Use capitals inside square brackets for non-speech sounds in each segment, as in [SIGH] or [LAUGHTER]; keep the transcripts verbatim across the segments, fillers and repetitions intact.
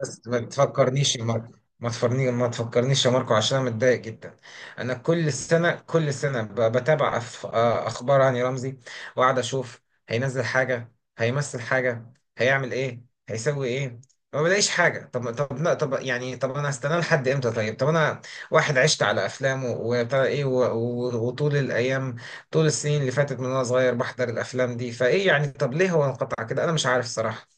بس ما تفكرنيش يا ماركو. ما تفكرني ما تفكرنيش يا ماركو عشان انا متضايق جدا. انا كل سنه كل سنه ب- بتابع أف- آه، اخبار هاني رمزي واقعد اشوف. هينزل حاجه، هيمثل حاجه، هيعمل ايه، هيسوي ايه؟ ما بلاقيش حاجه. طب طب لا طب يعني طب انا هستناه لحد امتى؟ طيب طب انا واحد عشت على افلامه وبتاع ايه و- و- وطول الايام، طول السنين اللي فاتت من وانا صغير بحضر الافلام دي. فايه يعني طب ليه هو انقطع كده؟ انا مش عارف الصراحه.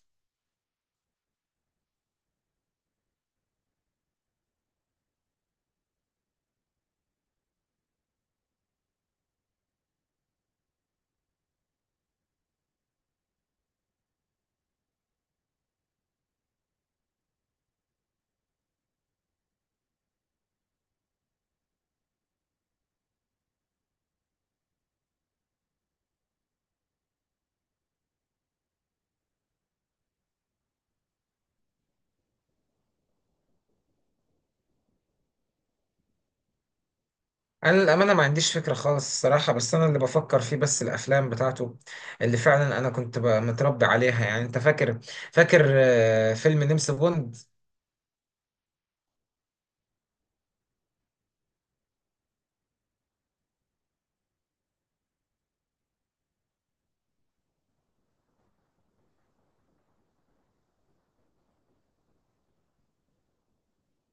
انا للامانه ما عنديش فكره خالص الصراحه، بس انا اللي بفكر فيه بس الافلام بتاعته، اللي فعلا انا كنت ب- متربي عليها. يعني انت فاكر؟ فاكر آه، فيلم نمس بوند؟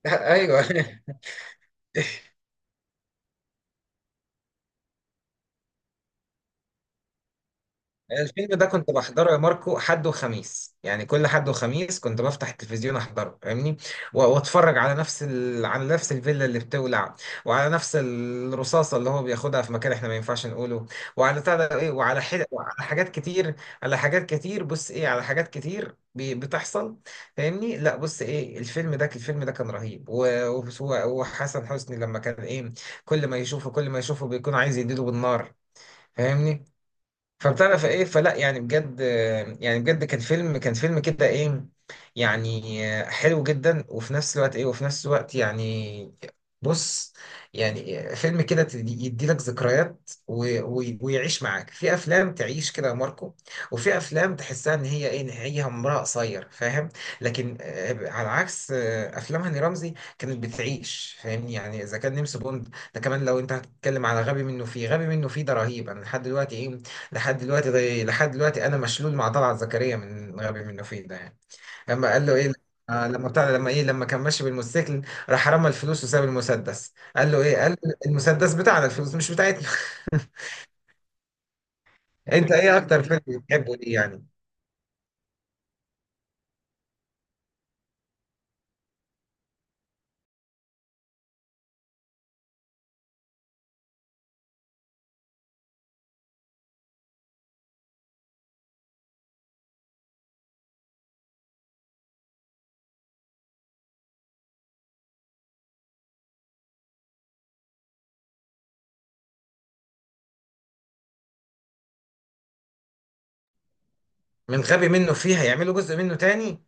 [LAUGHS] ايوه [LAUGHS] الفيلم ده كنت بحضره يا ماركو حد وخميس، يعني كل حد وخميس كنت بفتح التلفزيون احضره، فاهمني؟ و- واتفرج على نفس ال... على نفس الفيلا اللي بتولع، وعلى نفس الرصاصه اللي هو بياخدها في مكان احنا ما ينفعش نقوله، وعلى بتاع ده ايه، وعلى حل... وعلى حاجات كتير، على حاجات كتير. بص ايه، على حاجات كتير بي- بتحصل، فاهمني؟ لا بص ايه، الفيلم ده الفيلم ده كان رهيب و... و... وحسن حسني لما كان ايه، كل ما يشوفه كل ما يشوفه بيكون عايز يديله بالنار، فاهمني؟ فبتعرف ايه، فلا يعني بجد، يعني بجد كان فيلم، كان فيلم كده ايه، يعني حلو جدا. وفي نفس الوقت ايه، وفي نفس الوقت يعني بص، يعني فيلم كده تدي- يديلك ذكريات و- و- ويعيش معاك. في افلام تعيش كده يا ماركو، وفي افلام تحسها ان هي ايه نهاية عمرها قصير، فاهم؟ لكن آه، على عكس آه، افلام هاني رمزي كانت بتعيش، فاهمني؟ يعني اذا كان نمس بوند ده، كمان لو انت هتتكلم على غبي منه فيه، غبي منه فيه ده رهيب. انا لحد دلوقتي ايه، لحد دلوقتي ده لحد دلوقتي انا مشلول مع طلعت زكريا من غبي منه فيه ده يعني. لما قال له ايه، آه، لما طلع، لما ايه لما كان ماشي بالموتوسيكل، راح رمى الفلوس وساب المسدس، قال له ايه، قال له المسدس بتاعنا الفلوس مش بتاعتنا. [LAUGHS] انت ايه اكتر فيلم بتحبه ليه يعني؟ من غبي منه فيه هيعملوا جزء منه تاني؟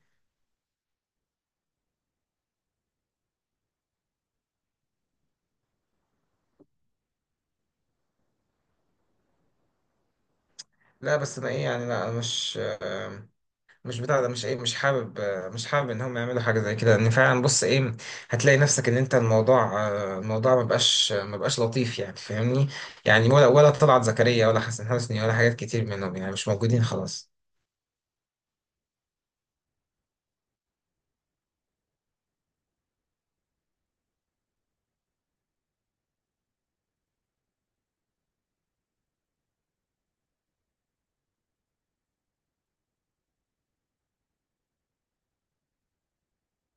لا بس انا ايه يعني، لا أنا مش مش بتاع ده، مش ايه، مش حابب، مش حابب ان هم يعملوا حاجه زي كده. ان فعلا بص ايه، هتلاقي نفسك ان انت الموضوع، الموضوع ما بقاش ما بقاش لطيف يعني، فاهمني؟ يعني ولا ولا طلعت زكريا ولا حسن حسني ولا حاجات كتير منهم يعني مش موجودين خلاص.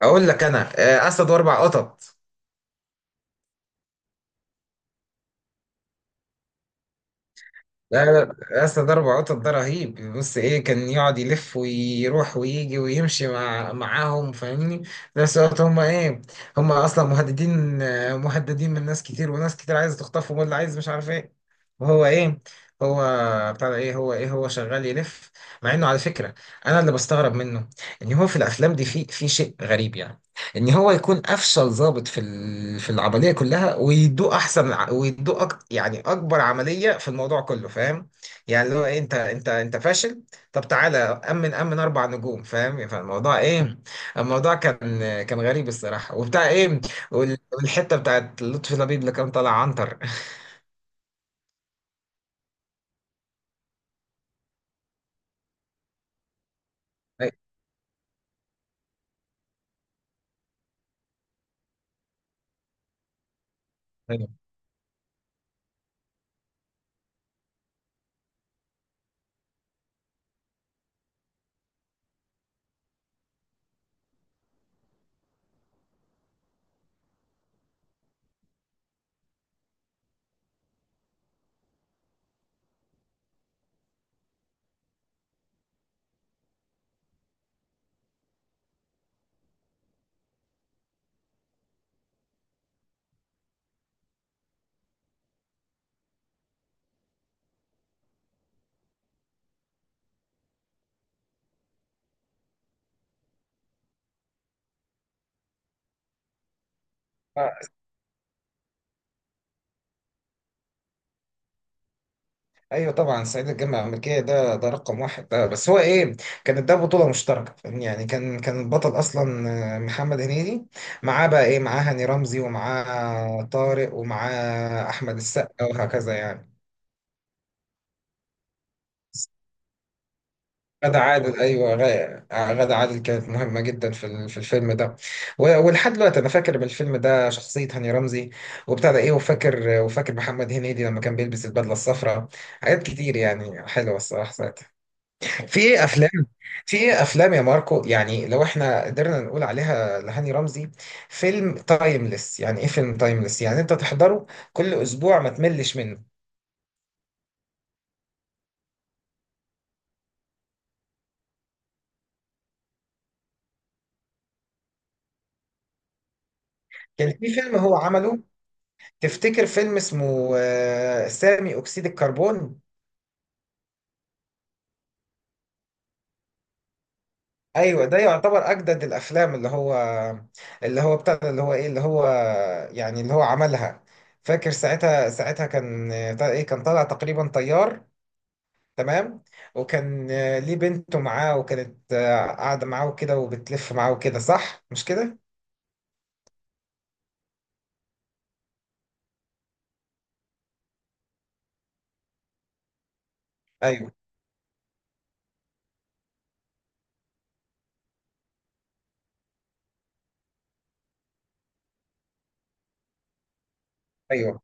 اقول لك انا، آه، اسد واربع قطط. لا لا، اصل ده ربع قطط ده رهيب، بص ايه، كان يقعد يلف ويروح ويجي ويمشي مع معاهم، فاهمني؟ في نفس الوقت هم ايه، هم اصلا مهددين، آه، مهددين من ناس كتير، وناس كتير عايزه تخطفهم واللي عايز مش عارف ايه، وهو ايه، هو بتاع ده ايه، هو ايه، هو شغال يلف. مع انه على فكره انا اللي بستغرب منه، ان هو في الافلام دي في في شيء غريب يعني، ان هو يكون افشل ضابط في ال- في العمليه كلها، ويدوق احسن ع- ويدوق أك... يعني اكبر عمليه في الموضوع كله، فاهم؟ يعني اللي هو إيه، انت انت انت فاشل، طب تعالى امن، امن اربع نجوم، فاهم؟ فالموضوع ايه، الموضوع كان كان غريب الصراحه وبتاع ايه. وال- والحته بتاعت لطفي لبيب اللي كان طالع عنتر. [LAUGHS] أيوة. ايوه طبعا صعيدي في الجامعه الامريكيه ده، ده رقم واحد ده، بس هو ايه، كانت ده بطوله مشتركه فاهمني، يعني كان كان البطل اصلا آه، محمد هنيدي، معاه بقى ايه، معاه هاني رمزي، ومعاه طارق، ومعاه احمد السقا، وهكذا يعني. غادة عادل، ايوه، غا- غادة عادل كانت مهمه جدا في ال- في الفيلم ده. و- ولحد دلوقتي انا فاكر من الفيلم ده شخصيه هاني رمزي وبتاع ده ايه، وفاكر، وفاكر محمد هنيدي لما كان بيلبس البدله الصفراء. حاجات كتير يعني حلوه الصراحه ساعتها. في ايه افلام، في ايه افلام يا ماركو يعني لو احنا قدرنا نقول عليها لهاني رمزي، فيلم تايمليس يعني، ايه فيلم تايمليس يعني انت تحضره كل اسبوع ما تملش منه؟ كان في فيلم هو عمله، تفتكر فيلم اسمه آه، سامي اكسيد الكربون؟ ايوه ده يعتبر اجدد الافلام اللي هو، اللي هو بتاع ده، اللي هو ايه، اللي هو يعني اللي هو عملها. فاكر ساعتها، ساعتها كان آه، ايه، كان طالع تقريبا طيار، تمام؟ وكان آه، ليه بنته معاه، وكانت آه، قاعده معاه وكده، وبتلف معاه وكده، صح مش كده؟ ايوه ايوه.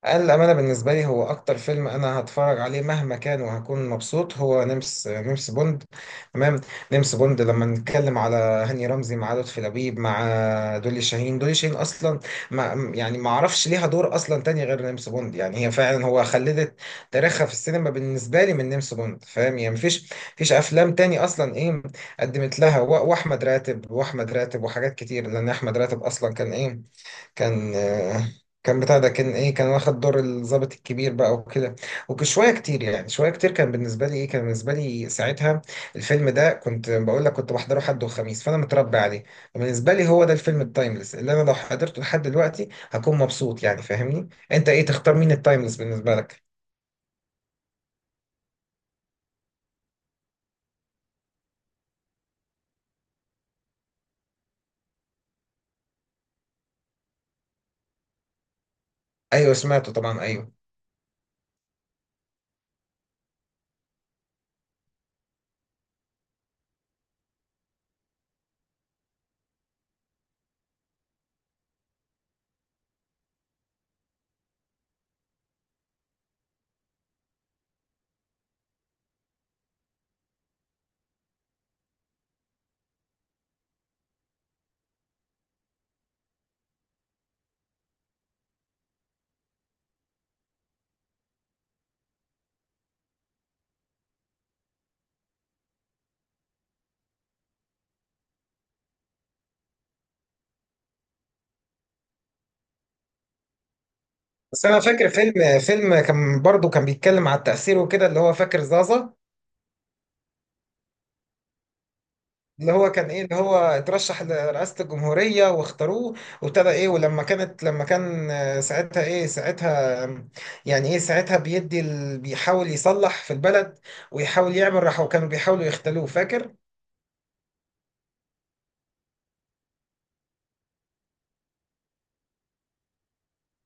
الأمانة بالنسبة لي هو أكتر فيلم أنا هتفرج عليه مهما كان وهكون مبسوط، هو نمس نمس بوند، تمام؟ نمس بوند لما نتكلم على هاني رمزي، مع لطفي لبيب، مع دولي شاهين. دولي شاهين أصلا، ما يعني، ما أعرفش ليها دور أصلا تاني غير نمس بوند يعني، هي فعلا هو خلدت تاريخها في السينما بالنسبة لي من نمس بوند، فاهم يعني؟ مفيش مفيش أفلام تاني أصلا إيه قدمت لها. و- وأحمد راتب، وأحمد راتب وحاجات كتير، لأن أحمد راتب أصلا كان إيه، كان كان بتاع ده، كان ايه، كان واخد دور الضابط الكبير بقى وكده، وشويه كتير يعني، شويه كتير كان بالنسبه لي ايه، كان بالنسبه لي ساعتها الفيلم ده كنت بقول لك، كنت بحضره حد وخميس فانا متربي عليه. بالنسبه لي هو ده الفيلم التايمليس اللي انا لو حضرته لحد دلوقتي هكون مبسوط يعني، فاهمني؟ انت ايه تختار، مين التايمليس بالنسبه لك؟ ايوه سمعته طبعا ايوه. بس انا فاكر فيلم، فيلم كان برضه كان بيتكلم على التأثير وكده، اللي هو فاكر زازا. اللي هو كان ايه، اللي هو اترشح لرئاسة الجمهورية واختاروه، وابتدى ايه، ولما كانت، لما كان آه، ساعتها ايه، ساعتها آم، يعني ايه ساعتها بيدي ال... بيحاول يصلح في البلد، ويحاول يعمل راحة، وكانوا بيحاولوا يختلوه، فاكر؟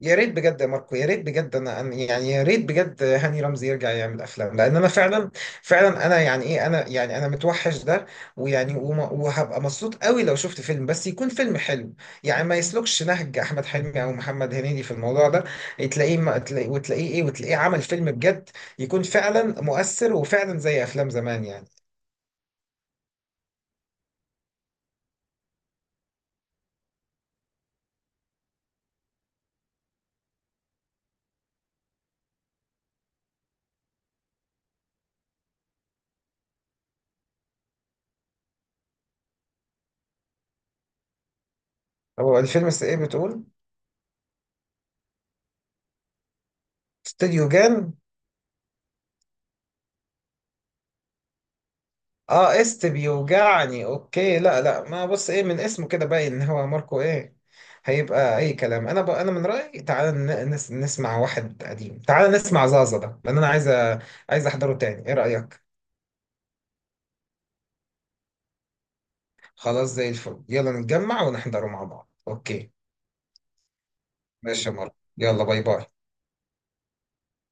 يا ريت بجد يا ماركو، يا ريت بجد انا أنا- يعني يا ريت بجد هاني رمزي يرجع يعمل افلام، لان انا فعلا، فعلا انا يعني ايه، انا يعني انا متوحش ده، ويعني وما- وهبقى مبسوط قوي لو شفت فيلم، بس يكون فيلم حلو يعني، ما يسلكش نهج احمد حلمي او محمد هنيدي في الموضوع ده، تلاقيه ما تلاقيه، وتلاقيه ايه، وتلاقيه عمل فيلم بجد يكون فعلا مؤثر وفعلا زي افلام زمان يعني. هو الفيلم س- ايه بتقول؟ استوديو جان؟ اه است بيوجعني، اوكي. لا لا، ما بص ايه، من اسمه كده باين ان هو ماركو ايه، هيبقى اي كلام. انا ب... انا من رايي تعال ن... نس... نسمع واحد قديم، تعال نسمع زازا ده لان انا عايز أ... عايز احضره تاني، ايه رايك؟ خلاص زي الفل، يلا نتجمع ونحضره مع بعض، اوكي؟ ماشي يا ماركو، يلا باي باي.